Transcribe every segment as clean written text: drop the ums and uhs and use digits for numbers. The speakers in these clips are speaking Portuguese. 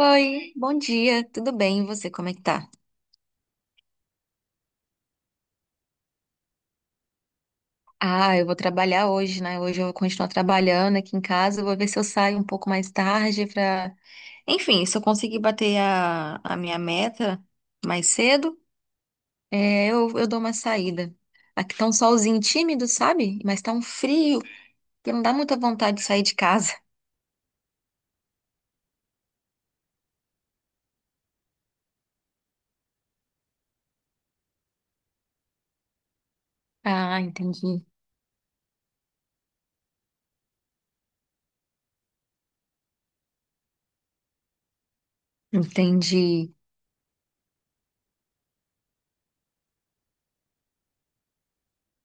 Oi, bom dia, tudo bem? E você, como é que tá? Ah, eu vou trabalhar hoje, né? Hoje eu vou continuar trabalhando aqui em casa, eu vou ver se eu saio um pouco mais tarde pra... Enfim, se eu conseguir bater a minha meta mais cedo, eu dou uma saída. Aqui tá um solzinho tímido, sabe? Mas tá um frio, que não dá muita vontade de sair de casa. Ah, entendi. Entendi.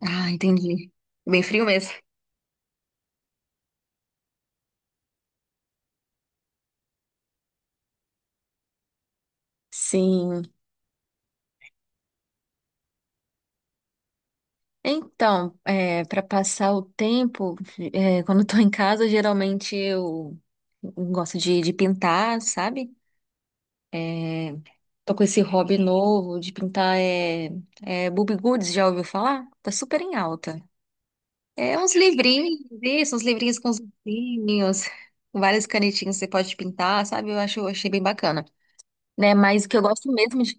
Ah, entendi. Bem frio mesmo. Sim. Então, para passar o tempo, quando estou em casa, geralmente eu gosto de pintar, sabe? É, Tô com esse hobby novo de pintar, Bobbie Goods, já ouviu falar? Tá super em alta. É uns livrinhos, isso, uns livrinhos com os ursinhos, com várias canetinhas que você pode pintar, sabe? Eu achei bem bacana. Né?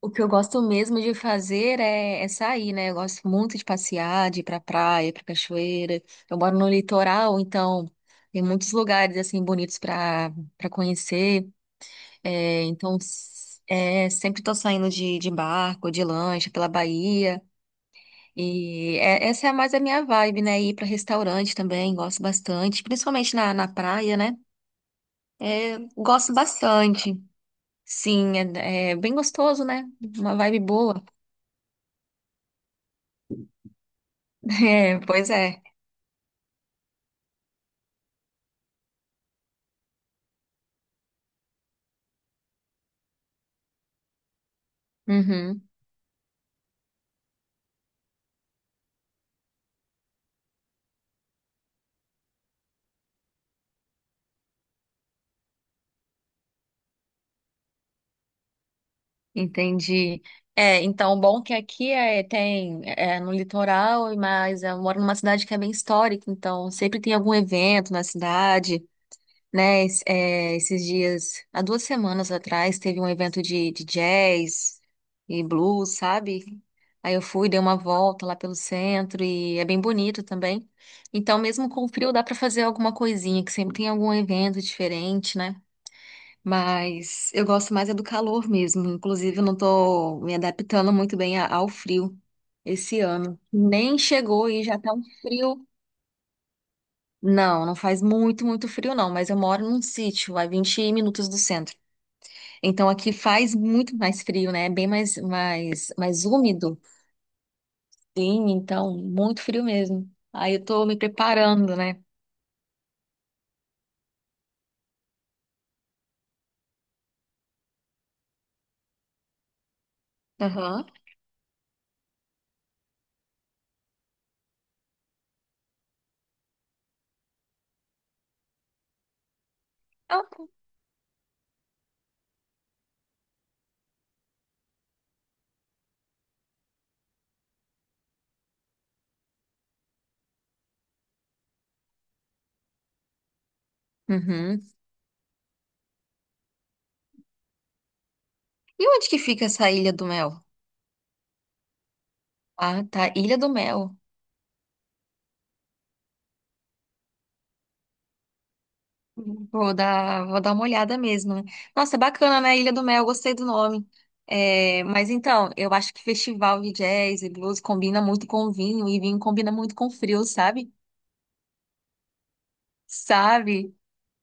O que eu gosto mesmo de fazer é, é sair, né? Eu gosto muito de passear, de ir pra praia, pra cachoeira. Eu moro no litoral, então tem muitos lugares assim bonitos pra para conhecer. Sempre tô saindo de barco, de lancha pela Bahia. Essa é mais a minha vibe, né? Ir pra restaurante também, gosto bastante, principalmente na praia, né? É, gosto bastante. Sim, é, é bem gostoso, né? Uma vibe boa. É, pois é. Uhum, entendi. É, então, o bom que aqui é, tem, no litoral, mas eu moro numa cidade que é bem histórica, então sempre tem algum evento na cidade, né? Esses dias, há 2 semanas atrás, teve um evento de jazz e blues, sabe? Aí eu fui, dei uma volta lá pelo centro e é bem bonito também. Então, mesmo com o frio, dá pra fazer alguma coisinha, que sempre tem algum evento diferente, né? Mas eu gosto mais é do calor mesmo. Inclusive, eu não tô me adaptando muito bem ao frio esse ano. Nem chegou e já tá um frio. Não, não faz muito frio, não. Mas eu moro num sítio, a 20 minutos do centro. Então aqui faz muito mais frio, né? É bem mais, mais úmido. Sim, então, muito frio mesmo. Aí eu tô me preparando, né? Aham. Ah, tá. Uhum. E onde que fica essa Ilha do Mel? Ah, tá. Ilha do Mel. Vou dar uma olhada mesmo, né? Nossa, bacana, né? Ilha do Mel, gostei do nome. É, mas então, eu acho que festival de jazz e blues combina muito com vinho, e vinho combina muito com frio, sabe? Sabe?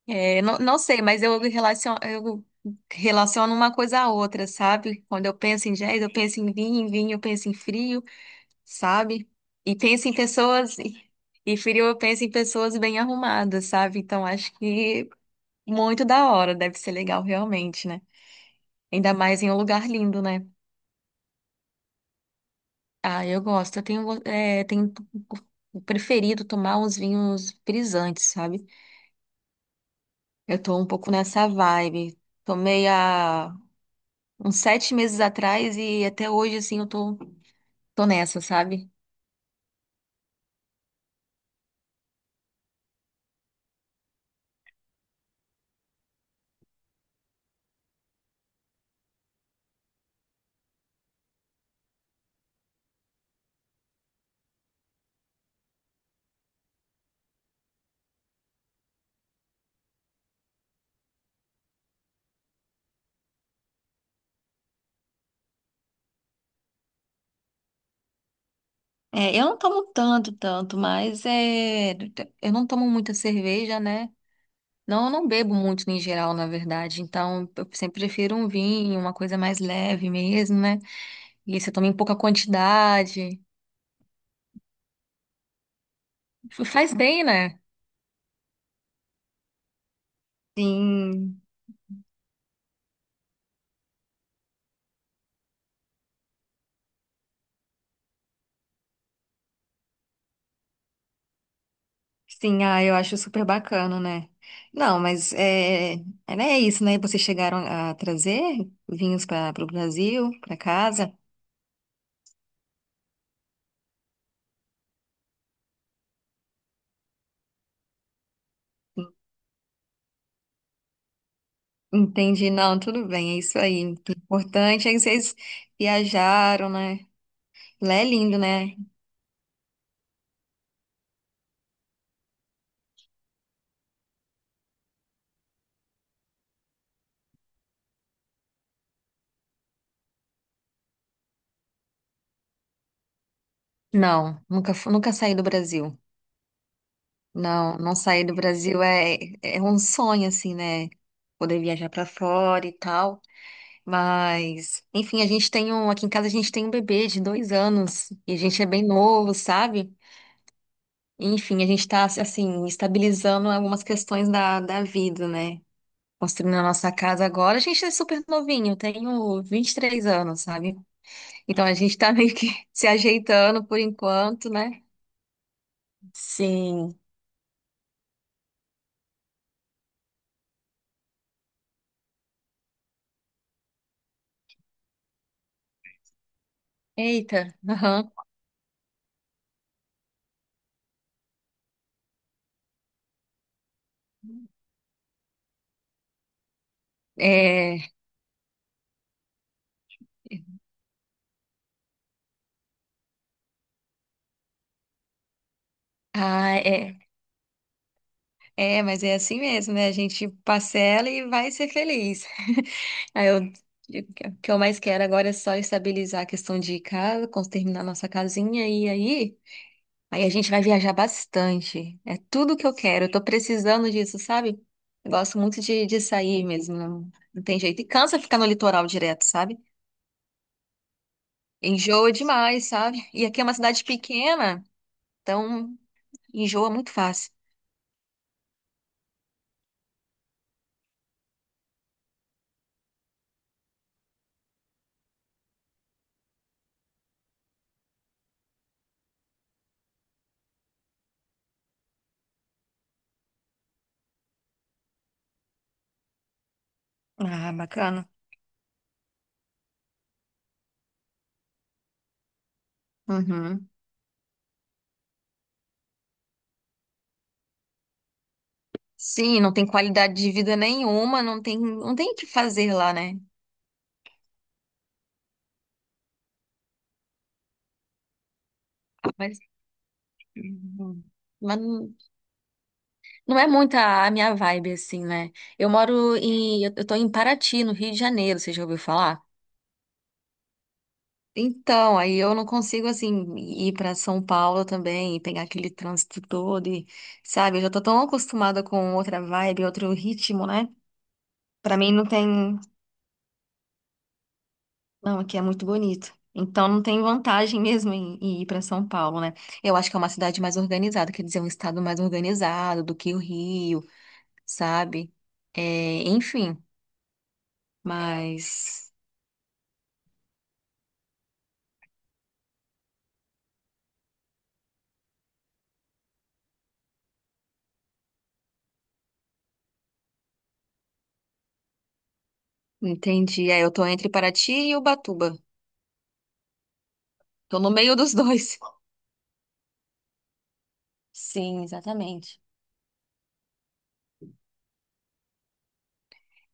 É, não, não sei, mas eu relaciono uma coisa à outra, sabe? Quando eu penso em jazz, eu penso em vinho eu penso em frio, sabe? E penso em pessoas, e frio eu penso em pessoas bem arrumadas, sabe? Então, acho que. Muito da hora, deve ser legal realmente, né? Ainda mais em um lugar lindo, né? Ah, eu gosto. Eu tenho, go- eh, tenho preferido tomar uns vinhos frisantes, sabe? Eu tô um pouco nessa vibe. Tomei há uns 7 meses atrás e até hoje, assim, tô nessa, sabe? É, eu não tomo tanto, tanto, mas é, eu não tomo muita cerveja, né? Não, eu não bebo muito em geral, na verdade. Então, eu sempre prefiro um vinho, uma coisa mais leve mesmo, né? E você toma em pouca quantidade. Faz bem, né? Sim, sim, ah, eu acho super bacana, né? Não, mas eh, é, né, é isso, né? Vocês chegaram a trazer vinhos para o Brasil, para casa. Entendi, não, tudo bem, é isso aí. O importante é que vocês viajaram, né? Lá é lindo, né? Não, nunca saí do Brasil. Não, não sair do Brasil é, é um sonho, assim, né? Poder viajar para fora e tal. Mas, enfim, a gente tem um, aqui em casa a gente tem um bebê de 2 anos e a gente é bem novo, sabe? Enfim, a gente tá, assim, estabilizando algumas questões da vida, né? Construindo a nossa casa agora. A gente é super novinho, eu tenho 23 anos, sabe? Então a gente tá meio que se ajeitando por enquanto, né? Sim. Eita, aham. É, ah, é. É, mas é assim mesmo, né? A gente parcela e vai ser feliz. Aí eu, o que eu mais quero agora é só estabilizar a questão de casa, terminar nossa casinha e aí a gente vai viajar bastante. É tudo que eu quero. Eu tô precisando disso, sabe? Eu gosto muito de sair mesmo, não tem jeito. E cansa ficar no litoral direto, sabe? Enjoa demais, sabe? E aqui é uma cidade pequena, então enjoa muito fácil. Ah, bacana. Uhum. Sim, não tem qualidade de vida nenhuma, não tem, não tem o que fazer lá, né? Mas, hum, mas não é muito a minha vibe, assim, né? Eu moro em, eu tô em Paraty, no Rio de Janeiro, você já ouviu falar? Então, aí eu não consigo, assim, ir para São Paulo também e pegar aquele trânsito todo e, sabe, eu já tô tão acostumada com outra vibe, outro ritmo, né? Pra mim não tem. Não, aqui é muito bonito. Então não tem vantagem mesmo em, em ir para São Paulo, né? Eu acho que é uma cidade mais organizada, quer dizer, um estado mais organizado do que o Rio, sabe? É, enfim, mas entendi. É, eu tô entre Paraty e Ubatuba. Tô no meio dos dois. Sim, exatamente.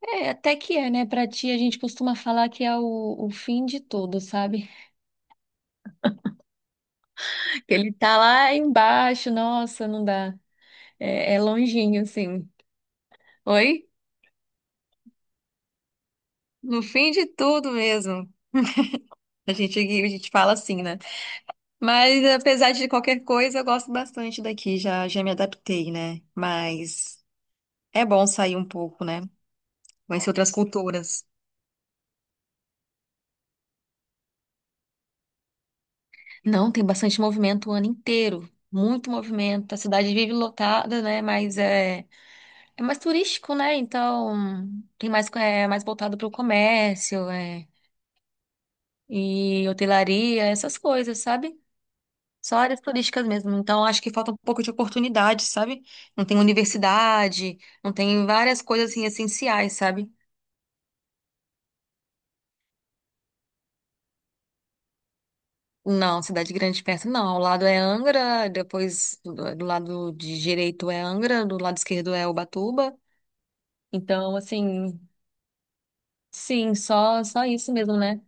É, até que é, né? Pra ti, a gente costuma falar que é o fim de tudo, sabe? Que ele tá lá embaixo, nossa, não dá. É, é longinho, assim. Oi? No fim de tudo mesmo. A gente fala assim, né? Mas apesar de qualquer coisa, eu gosto bastante daqui, já me adaptei, né? Mas é bom sair um pouco, né? Conhecer outras culturas. Não, tem bastante movimento o ano inteiro. Muito movimento. A cidade vive lotada, né? Mas é, é mais turístico, né? Então tem mais, é mais voltado para o comércio, é, e hotelaria, essas coisas, sabe? Só áreas turísticas mesmo. Então, acho que falta um pouco de oportunidade, sabe? Não tem universidade, não tem várias coisas assim essenciais, sabe? Não, cidade grande perto não. Ao lado é Angra, depois do, do lado de direito é Angra, do lado esquerdo é Ubatuba. Então, assim, sim, só só isso mesmo, né?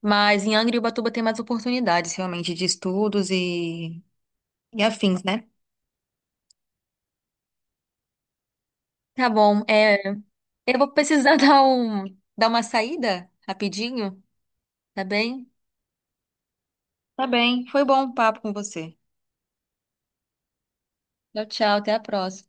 Mas em Angra e Ubatuba tem mais oportunidades realmente de estudos e afins, né? Tá bom. É, eu vou precisar dar um, dar uma saída rapidinho, tá bem? Tá bem, foi bom o papo com você. Tchau, tchau, até a próxima.